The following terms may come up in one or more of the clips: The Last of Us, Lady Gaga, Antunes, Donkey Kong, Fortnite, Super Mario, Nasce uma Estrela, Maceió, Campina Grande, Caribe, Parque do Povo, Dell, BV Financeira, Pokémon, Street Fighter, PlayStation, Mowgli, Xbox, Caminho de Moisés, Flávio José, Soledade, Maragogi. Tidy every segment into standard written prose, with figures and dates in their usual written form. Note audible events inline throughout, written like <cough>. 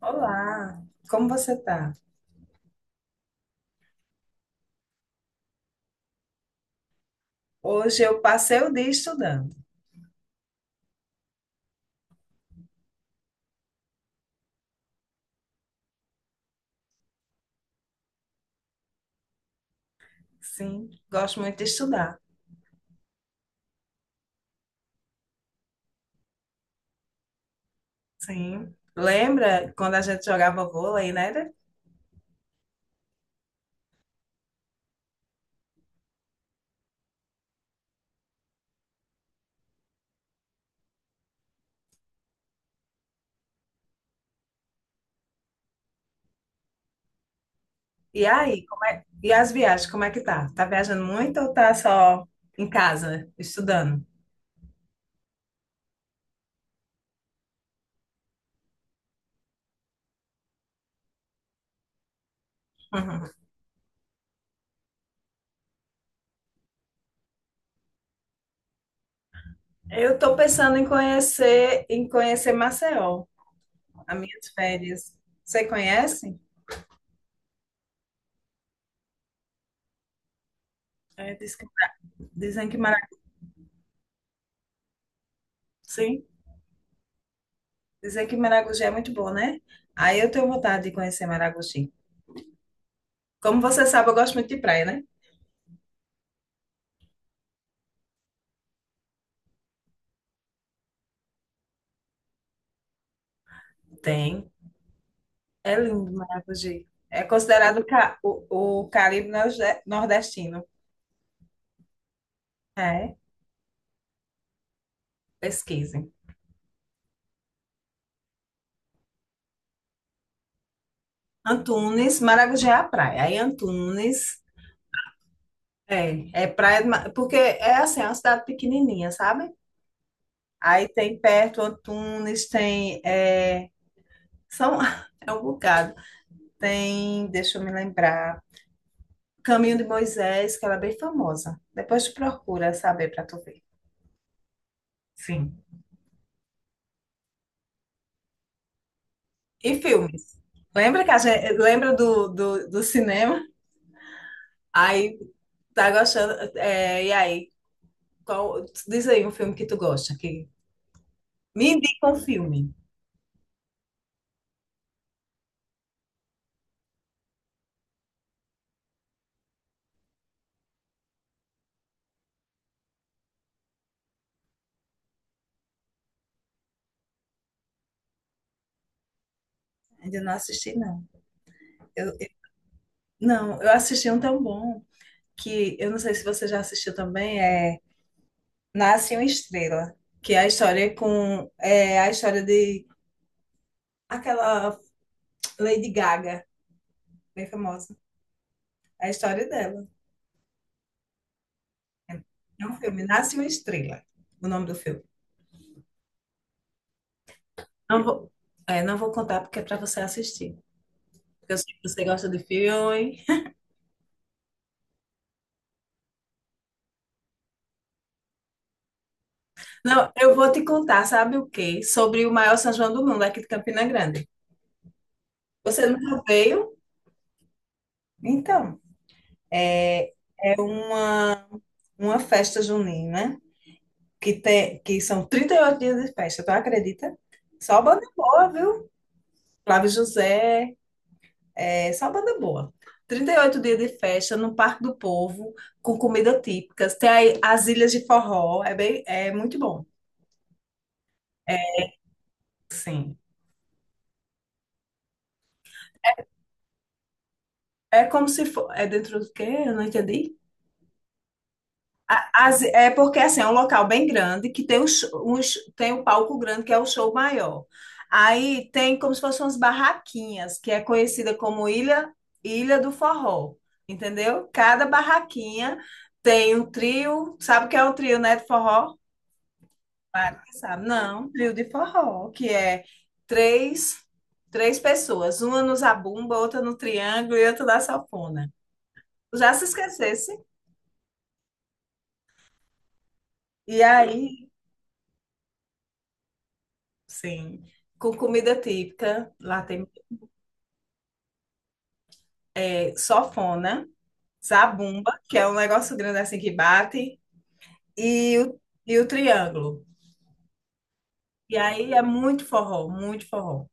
Olá, como você está? Hoje eu passei o dia estudando. Sim, gosto muito de estudar. Sim. Lembra quando a gente jogava vôlei, né? E aí, e as viagens, como é que tá? Tá viajando muito ou tá só em casa estudando? <laughs> Eu tô pensando em conhecer Maceió, as minhas férias. Você conhece? É, diz que- Dizem que Maragogi, sim, dizem que Maragogi é muito bom, né? Aí eu tenho vontade de conhecer Maragogi. Como você sabe, eu gosto muito de praia, né? Tem. É lindo, Maragogi. É considerado o Caribe nordestino. É, pesquisem. Antunes, Maragogi é a praia. Aí Antunes é, é praia, porque é assim, é uma cidade pequenininha, sabe? Aí tem perto Antunes, tem, é, são, <laughs> é um bocado. Tem, deixa eu me lembrar, Caminho de Moisés, que ela é bem famosa. Depois tu procura saber para tu ver. Sim. E filmes. Lembra que a gente, lembra do cinema? Aí tá gostando. É, e aí, qual, diz aí um filme que tu gosta. Que, me indica um filme. Ainda não assisti, não. Eu, eu- não, eu assisti um tão bom que eu não sei se você já assistiu também, é Nasce uma Estrela, que é a história com é a história de aquela Lady Gaga, bem famosa. É a história dela. É um filme, Nasce uma Estrela, o nome do filme. Não vou, É, não vou contar porque é para você assistir. Porque eu sei que você gosta de filme. Não, eu vou te contar, sabe o quê? Sobre o maior São João do mundo, aqui de Campina Grande. Você nunca veio? Então, é uma festa junina, né? Que, tem que são 38 dias de festa, tu acredita? Só banda boa, viu? Flávio José, é só banda boa. 38 dias de festa no Parque do Povo, com comida típica. Tem aí as ilhas de forró, é bem, é muito bom. Sim. É como se for. É dentro do quê? Eu não entendi. É porque assim, é um local bem grande que tem tem um palco grande que é o show maior. Aí tem como se fossem umas barraquinhas, que é conhecida como Ilha do Forró. Entendeu? Cada barraquinha tem um trio. Sabe o que é um trio, né, de forró? Claro que sabe. Não, um trio de forró, que é três, três pessoas, uma no zabumba, outra no triângulo e outra na sanfona. Já se esquecesse? E aí, sim, com comida típica, lá tem é, sofona, zabumba, que é um negócio grande assim que bate, e o, e o triângulo. E aí é muito forró, muito forró.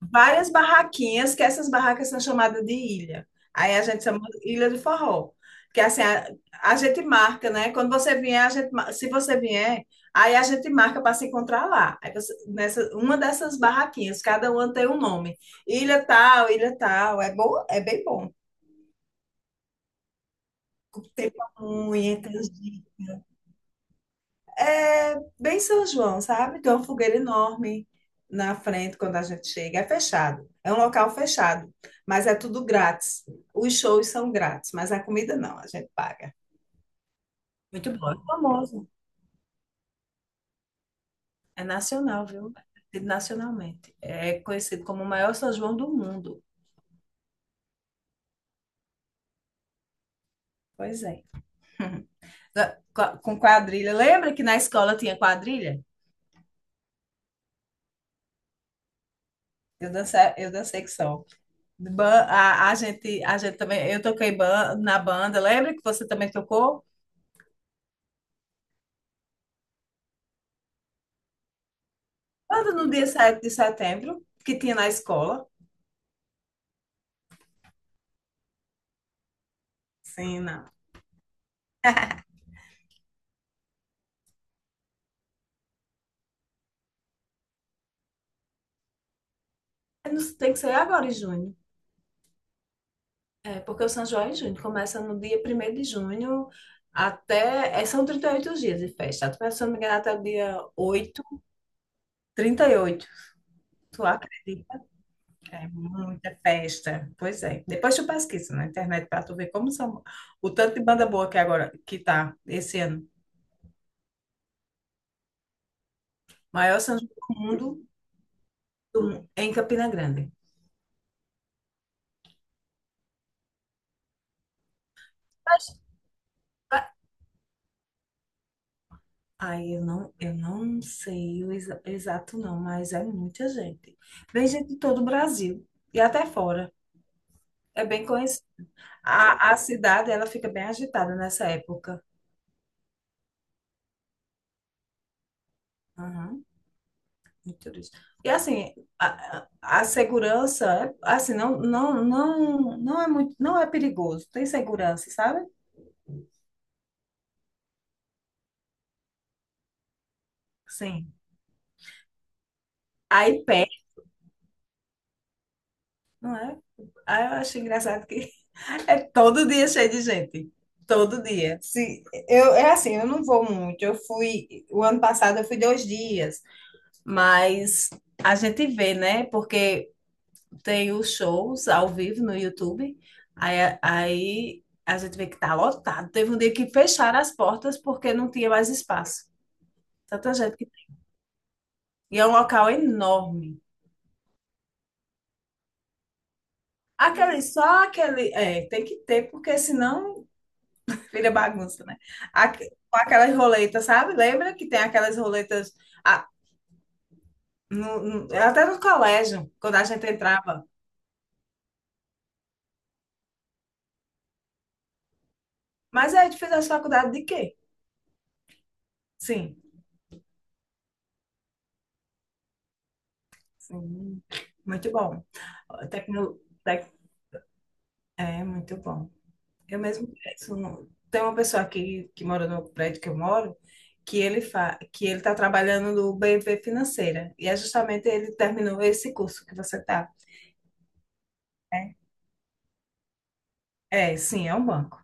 Várias barraquinhas, que essas barracas são chamadas de ilha. Aí a gente chama ilha de forró. Que é assim, a gente marca, né? Quando você vier, se você vier, aí a gente marca para se encontrar lá. Nessa, uma dessas barraquinhas, cada uma tem um nome. Ilha tal, ilha tal. É bom, é bem bom. Tem pamonha, tem é bem São João, sabe? Tem uma fogueira enorme na frente quando a gente chega. É fechado. É um local fechado, mas é tudo grátis. Os shows são grátis, mas a comida não, a gente paga. Muito bom, é famoso. É nacional, viu? É conhecido nacionalmente. É conhecido como o maior São João do mundo. Pois é. <laughs> Com quadrilha. Lembra que na escola tinha quadrilha? Eu dancei que só. A, a gente também, na banda. Lembra que você também tocou? Nada no dia 7 de setembro, que tinha na escola. Sim, não. É, não. Tem que ser agora em junho. É, porque o São João é em junho. Começa no dia primeiro de junho até, é, são 38 dias de festa. Tu pensa, se eu não me engano, até o dia 8. 38. Tu acredita? É muita festa. Pois é. Depois tu pesquisa na internet para tu ver como são. O tanto de banda boa que agora que tá esse ano. Maior São João do mundo em Campina Grande. Aí eu não sei o exato não, mas é muita gente. Vem gente de todo o Brasil e até fora. É bem conhecido. A cidade, ela fica bem agitada nessa época. Uhum, muito isso. E assim, a segurança, é, assim, não é muito, não é perigoso. Tem segurança, sabe? Sim. Aí pé, não é? Aí eu acho engraçado que é todo dia cheio de gente. Todo dia. Se, eu, é assim, eu não vou muito. Eu fui, o ano passado eu fui 2 dias. Mas a gente vê, né? Porque tem os shows ao vivo no YouTube. Aí a gente vê que tá lotado. Teve um dia que fecharam as portas porque não tinha mais espaço. Tanta gente. E é um local enorme. Aquele, só aquele. É, tem que ter, porque senão vira bagunça, né? Com aquelas roletas, sabe? Lembra que tem aquelas roletas, ah, no- até no colégio, quando a gente entrava. Mas aí tu fez a faculdade de quê? Sim, sim. Muito bom. Tecno, tec- É, muito bom. Eu mesmo penso, tem uma pessoa aqui que mora no prédio que eu moro, que ele está trabalhando no BV Financeira. E é justamente ele terminou esse curso que você está. É, é, sim, é um banco.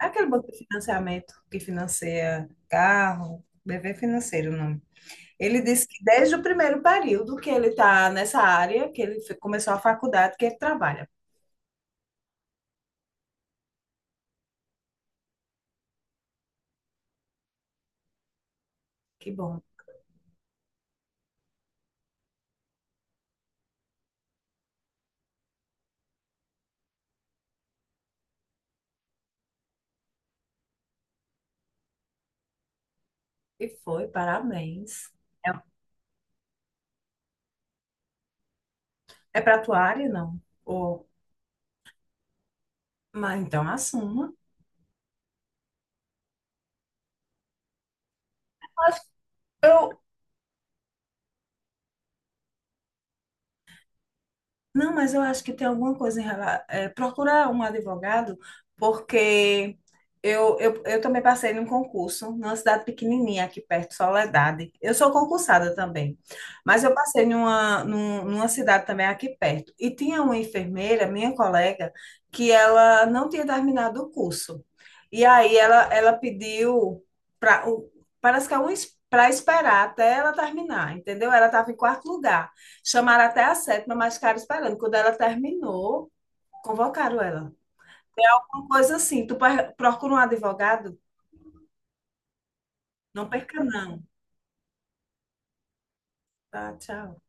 É aquele banco de financiamento que financia carro, BV Financeiro, o nome. Ele disse que desde o primeiro período que ele está nessa área, começou a faculdade, que ele trabalha. Que bom. E foi, parabéns. É, é para tua área, não? Ou, mas então assuma. Mas eu, não, mas eu acho que tem alguma coisa em relação. Procurar um advogado, porque eu também passei num concurso numa cidade pequenininha aqui perto, Soledade. Eu sou concursada também, mas eu passei numa cidade também aqui perto. E tinha uma enfermeira, minha colega, que ela não tinha terminado o curso. E aí ela pediu para, parece que é um, para esperar até ela terminar, entendeu? Ela estava em quarto lugar. Chamaram até a sétima, mas ficaram esperando. Quando ela terminou, convocaram ela. Uma coisa assim, procura um advogado? Não perca, não. Tá, tchau.